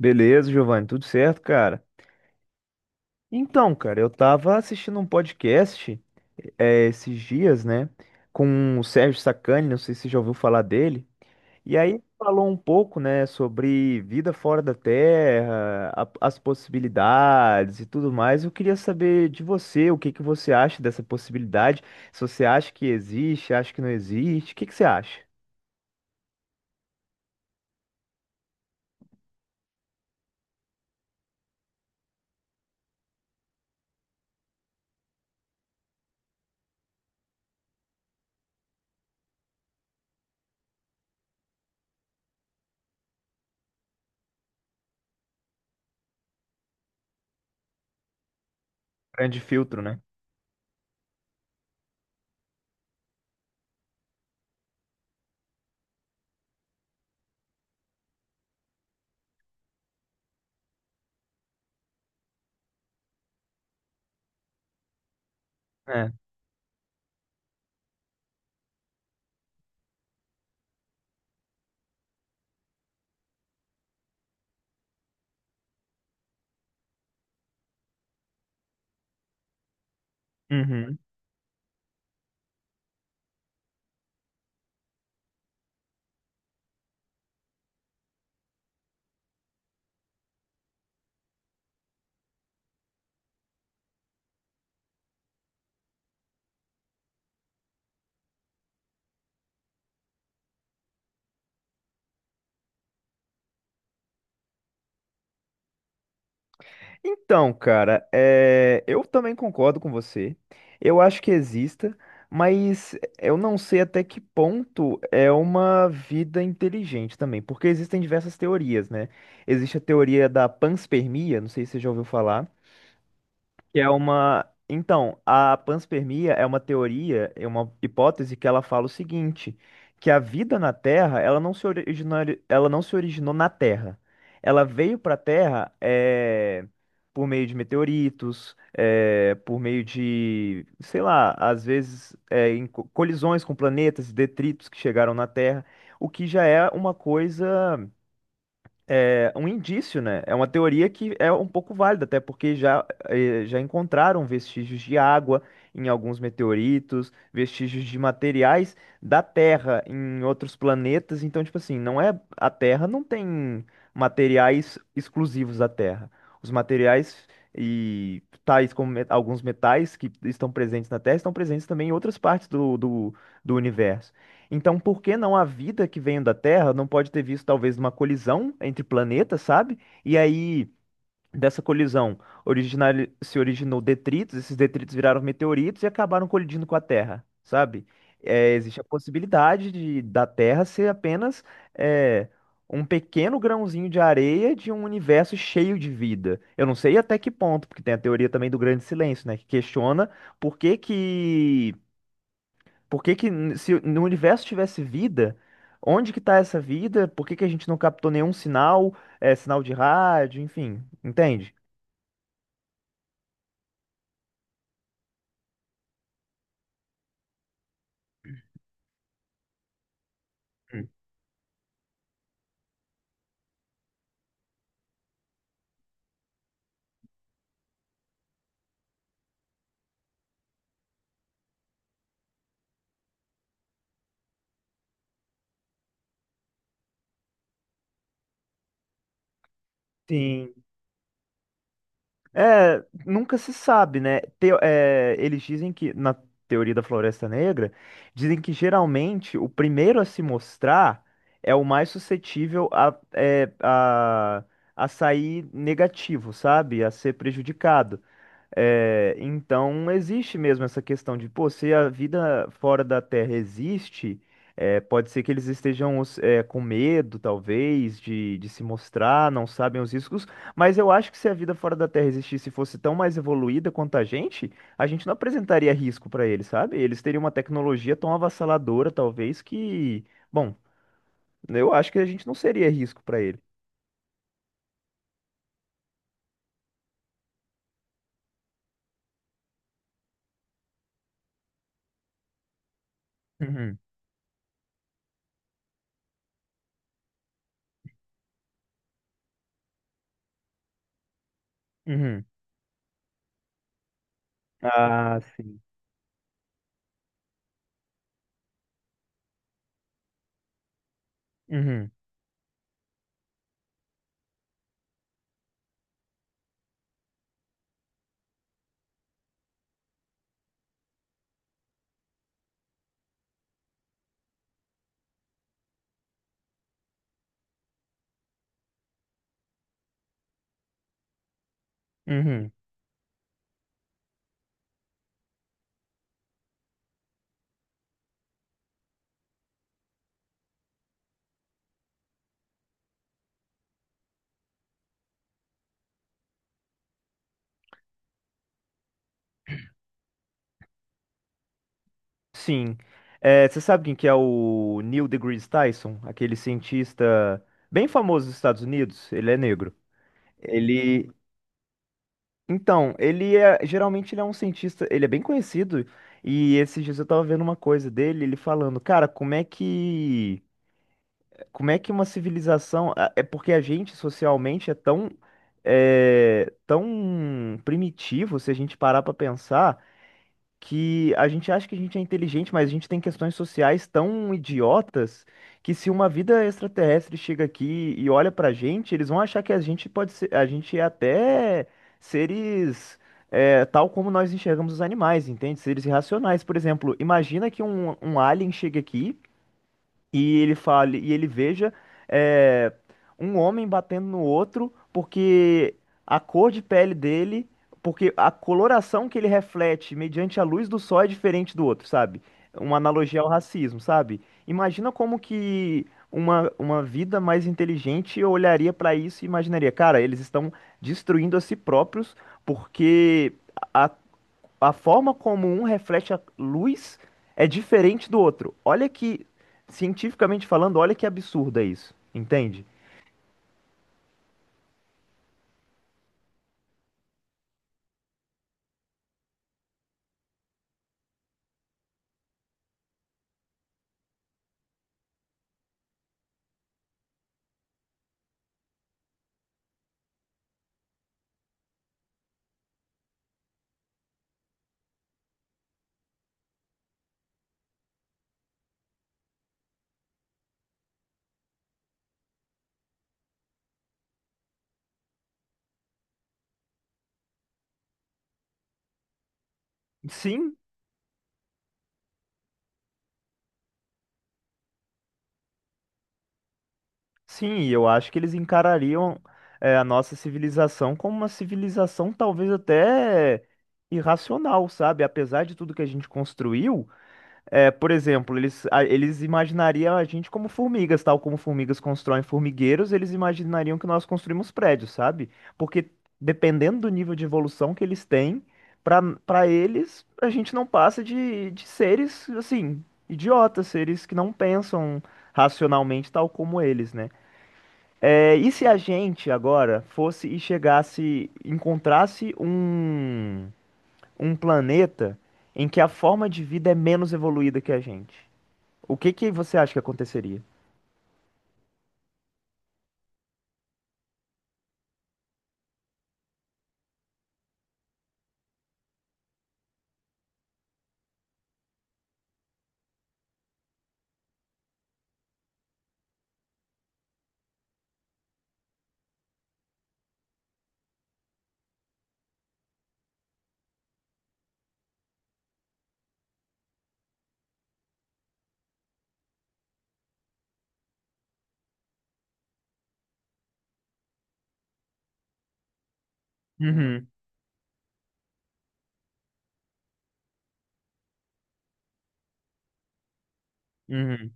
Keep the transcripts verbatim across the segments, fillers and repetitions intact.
Beleza, Giovanni, tudo certo, cara? Então, cara, eu tava assistindo um podcast eh, esses dias, né, com o Sérgio Sacani, não sei se você já ouviu falar dele, e aí falou um pouco, né, sobre vida fora da Terra, a- as possibilidades e tudo mais. Eu queria saber de você, o que que você acha dessa possibilidade, se você acha que existe, acha que não existe, o que que você acha? Grande filtro, né? É. Uhum. Então, cara, é, eu também concordo com você. Eu acho que exista, mas eu não sei até que ponto é uma vida inteligente também, porque existem diversas teorias, né? Existe a teoria da panspermia, não sei se você já ouviu falar, que é uma. Então, a panspermia é uma teoria, é uma hipótese que ela fala o seguinte, que a vida na Terra, ela não se originou, ela não se originou na Terra. Ela veio para a Terra é, por meio de meteoritos, é, por meio de, sei lá, às vezes é, em co- colisões com planetas, detritos que chegaram na Terra, o que já é uma coisa é, um indício, né? É uma teoria que é um pouco válida, até porque já, eh, já encontraram vestígios de água em alguns meteoritos, vestígios de materiais da Terra em outros planetas. Então, tipo assim, não é a Terra não tem materiais exclusivos da Terra. Os materiais e tais como met- alguns metais que estão presentes na Terra estão presentes também em outras partes do, do do universo. Então, por que não a vida que veio da Terra não pode ter visto talvez uma colisão entre planetas, sabe? E aí, dessa colisão, originar, se originou detritos, esses detritos viraram meteoritos e acabaram colidindo com a Terra, sabe? É, existe a possibilidade de, da Terra ser apenas é, um pequeno grãozinho de areia de um universo cheio de vida. Eu não sei até que ponto, porque tem a teoria também do grande silêncio, né? Que questiona por que que por que que n- se no universo tivesse vida, onde que tá essa vida? Por que que a gente não captou nenhum sinal, é, sinal de rádio, enfim, entende? Hum. Sim. É, nunca se sabe, né? Teo- é, eles dizem que, na teoria da Floresta Negra, dizem que geralmente o primeiro a se mostrar é o mais suscetível a, é, a, a sair negativo, sabe? A ser prejudicado. É, então existe mesmo essa questão de, pô, se a vida fora da Terra existe, é, pode ser que eles estejam os- é, com medo, talvez, de, de se mostrar, não sabem os riscos, mas eu acho que se a vida fora da Terra existisse e fosse tão mais evoluída quanto a gente, a gente não apresentaria risco para eles, sabe? Eles teriam uma tecnologia tão avassaladora, talvez, que, bom, eu acho que a gente não seria risco para ele. Uhum, uhum. Ah, sim. Uhum, uhum. Sim. É, você sabe quem que é o Neil deGrasse Tyson? Aquele cientista bem famoso dos Estados Unidos. Ele é negro. Ele. Então, ele é. Geralmente ele é um cientista. Ele é bem conhecido. E esses dias eu tava vendo uma coisa dele, ele falando, cara, como é que. Como é que uma civilização. a- É porque a gente socialmente é tão. É, tão primitivo, se a gente parar pra pensar. Que a gente acha que a gente é inteligente, mas a gente tem questões sociais tão idiotas que se uma vida extraterrestre chega aqui e olha pra gente, eles vão achar que a gente pode ser, a gente é até seres é, tal como nós enxergamos os animais, entende? Seres irracionais, por exemplo. Imagina que um, um alien chega aqui e ele fale e ele veja é, um homem batendo no outro porque a cor de pele dele, porque a coloração que ele reflete mediante a luz do sol é diferente do outro, sabe? Uma analogia ao racismo, sabe? Imagina como que uma, uma vida mais inteligente olharia para isso e imaginaria, cara, eles estão destruindo a si próprios porque a a forma como um reflete a luz é diferente do outro. Olha que, cientificamente falando, olha que absurdo é isso, entende? Sim, sim, e eu acho que eles encarariam é, a nossa civilização como uma civilização talvez até irracional, sabe? Apesar de tudo que a gente construiu. É, por exemplo, eles, a- eles imaginariam a gente como formigas, tal como formigas constroem formigueiros, eles imaginariam que nós construímos prédios, sabe? Porque dependendo do nível de evolução que eles têm, para para eles, a gente não passa de, de seres, assim, idiotas, seres que não pensam racionalmente, tal como eles, né? É, e se a gente agora fosse e chegasse, encontrasse um, um planeta em que a forma de vida é menos evoluída que a gente? O que que você acha que aconteceria? Uhum, uhum,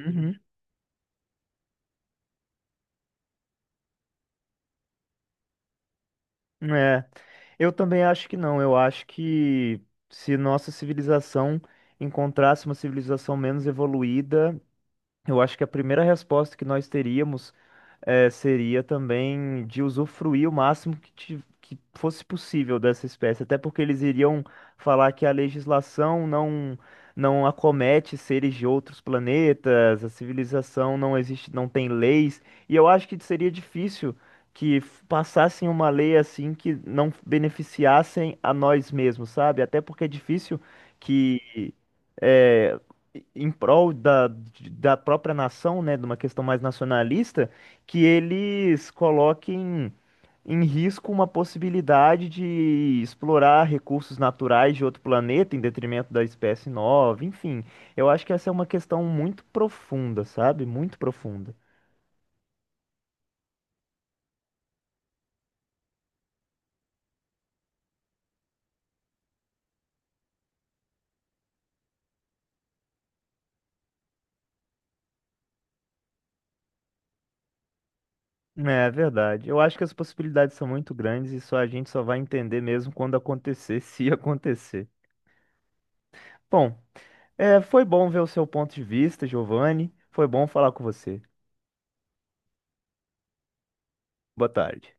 uhum. É, eu também acho que não. Eu acho que se nossa civilização encontrasse uma civilização menos evoluída, eu acho que a primeira resposta que nós teríamos eh, seria também de usufruir o máximo que, ti- que fosse possível dessa espécie, até porque eles iriam falar que a legislação não não acomete seres de outros planetas, a civilização não existe, não tem leis, e eu acho que seria difícil que f- passassem uma lei assim que não beneficiassem a nós mesmos, sabe? Até porque é difícil que eh, em prol da, da própria nação, né, de uma questão mais nacionalista, que eles coloquem em risco uma possibilidade de explorar recursos naturais de outro planeta em detrimento da espécie nova, enfim. Eu acho que essa é uma questão muito profunda, sabe? Muito profunda. É, é verdade. Eu acho que as possibilidades são muito grandes e só a gente só vai entender mesmo quando acontecer, se acontecer. Bom, é, foi bom ver o seu ponto de vista, Giovanni. Foi bom falar com você. Boa tarde.